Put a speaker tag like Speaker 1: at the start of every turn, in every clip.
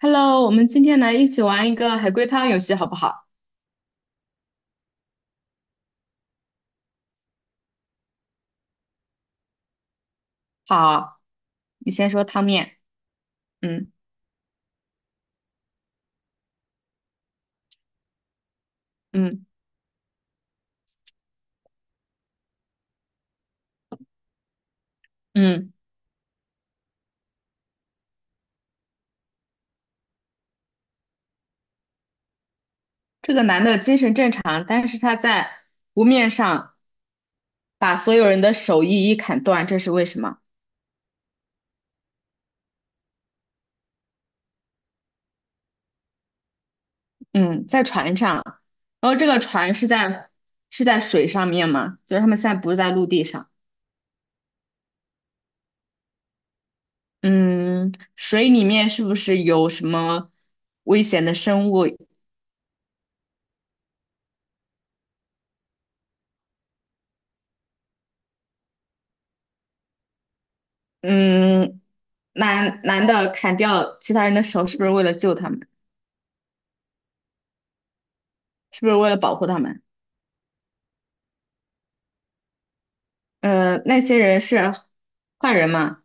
Speaker 1: Hello，我们今天来一起玩一个海龟汤游戏，好不好？好，你先说汤面。嗯嗯嗯，这个男的精神正常，但是他在湖面上把所有人的手一一砍断，这是为什么？嗯，在船上，然后这个船是在水上面嘛，就是他们现在不是在陆地上。嗯，水里面是不是有什么危险的生物？嗯，男的砍掉其他人的手，是不是为了救他们？是不是为了保护他们？那些人是坏人吗？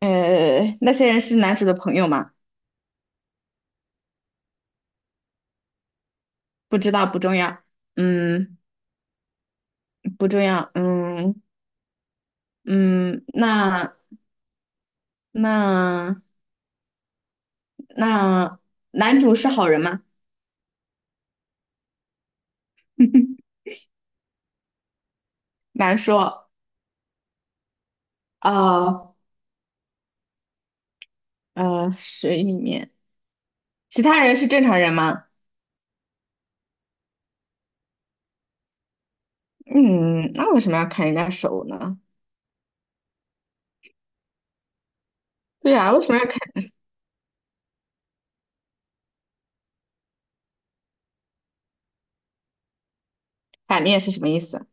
Speaker 1: 那些人是男主的朋友吗？不知道，不重要。嗯，不重要。嗯，嗯，那那男主是好人吗？难说。哦，水里面其他人是正常人吗？嗯，那为什么要砍人家手呢？对呀，为什么要砍？反面是什么意思？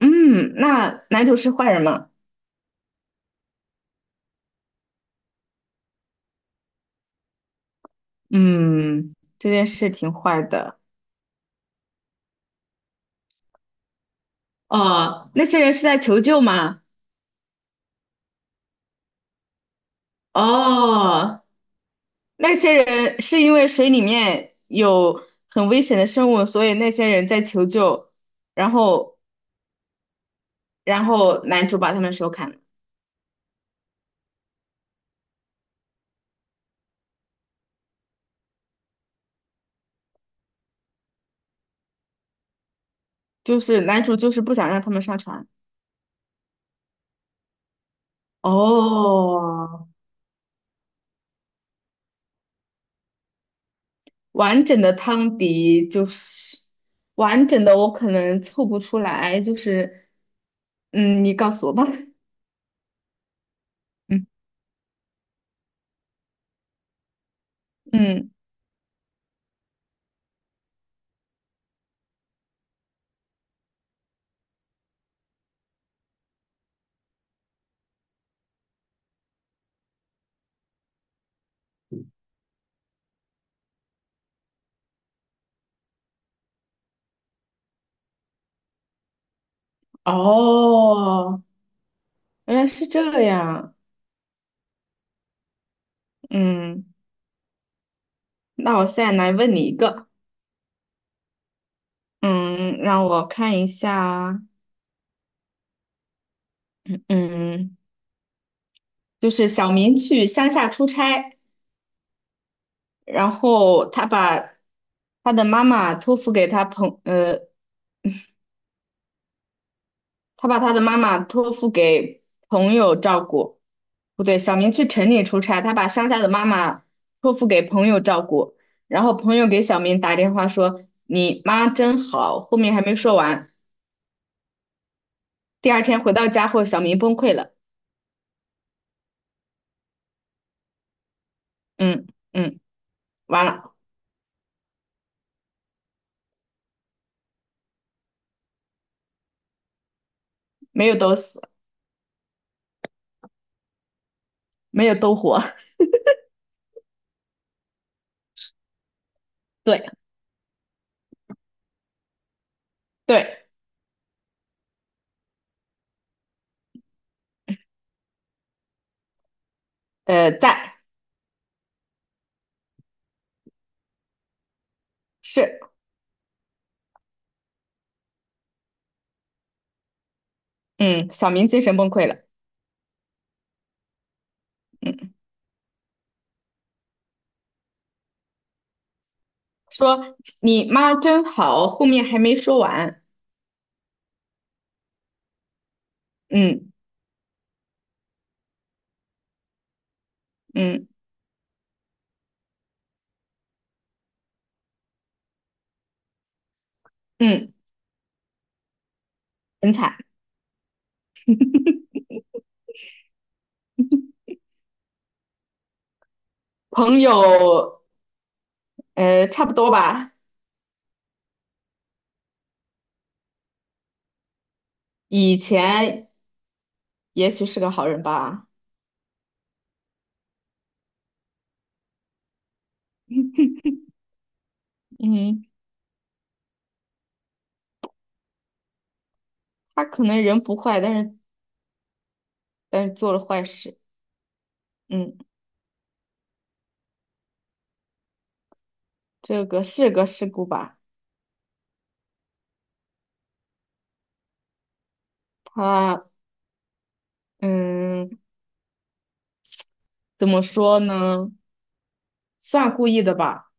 Speaker 1: 嗯，那男主是坏人吗？嗯，这件事挺坏的。哦，那些人是在求救吗？哦，那些人是因为水里面有很危险的生物，所以那些人在求救，然后然后男主把他们手砍了，就是男主就是不想让他们上船。哦，完整的汤迪就是完整的，我可能凑不出来，就是嗯，你告诉我吧。嗯，嗯，哦，原来是这样，嗯。那我现在来问你一个，嗯，让我看一下，嗯，就是小明去乡下出差，然后他把他的妈妈托付给他把他的妈妈托付给朋友照顾，不对，小明去城里出差，他把乡下的妈妈托付给朋友照顾，然后朋友给小明打电话说你妈真好，后面还没说完，第二天回到家后，小明崩溃了，嗯，嗯，完了。没有都死，没有都活。对对，在是，嗯，小明精神崩溃了，嗯，说你妈真好，后面还没说完，嗯嗯嗯，很惨。朋友，差不多吧，以前也许是个好人吧，嗯，他可能人不坏，但是做了坏事，嗯，这个是个事故吧，他嗯，怎么说呢，算故意的吧。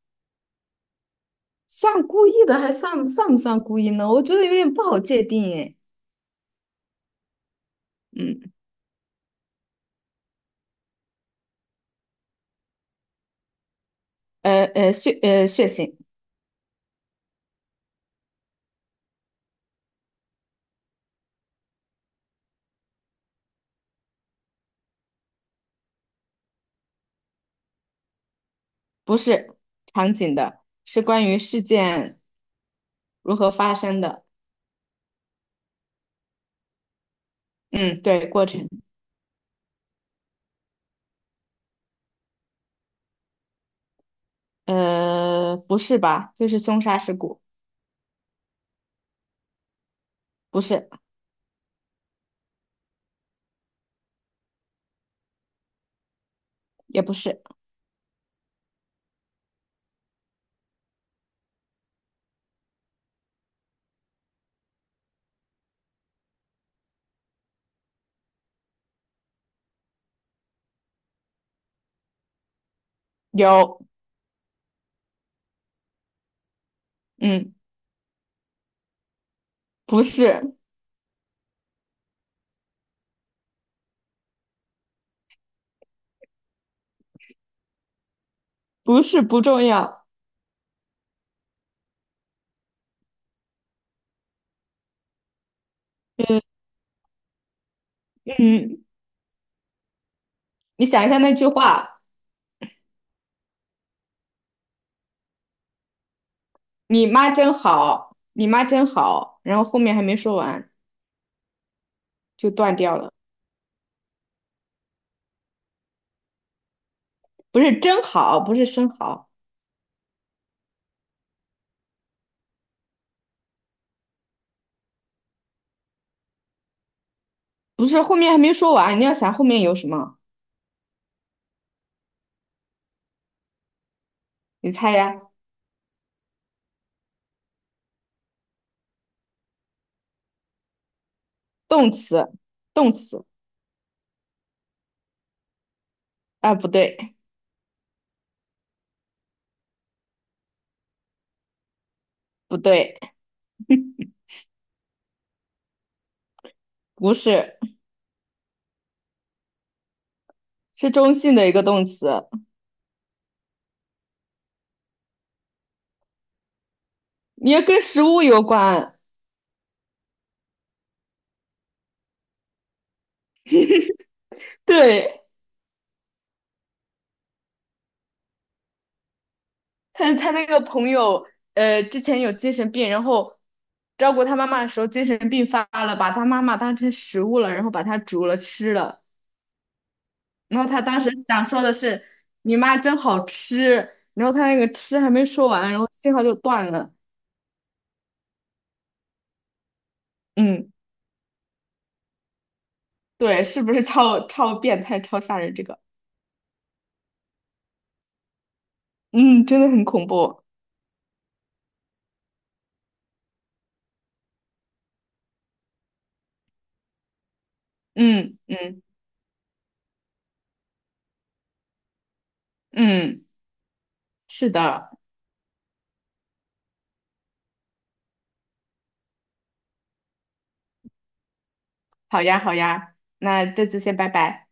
Speaker 1: 算故意的，还算不算故意呢？我觉得有点不好界定诶。嗯，血型不是场景的，是关于事件如何发生的。嗯，对，过程。不是吧？就是凶杀事故，不是，也不是。有，嗯，不是，不是不重要。嗯嗯，你想一下那句话，你妈真好，你妈真好，然后后面还没说完就断掉了。不是真好，不是生蚝。不是，后面还没说完，你要想后面有什么？你猜呀，动词，动词，啊，不对，不对，不是，是中性的一个动词，你要跟食物有关。对，他那个朋友，之前有精神病，然后照顾他妈妈的时候精神病发了，把他妈妈当成食物了，然后把他煮了吃了。然后他当时想说的是，你妈真好吃，然后他那个吃还没说完，然后信号就断了。嗯。对，是不是超变态、超吓人？这个，嗯，真的很恐怖。嗯，嗯嗯，是的。好呀，好呀，那这次先拜拜。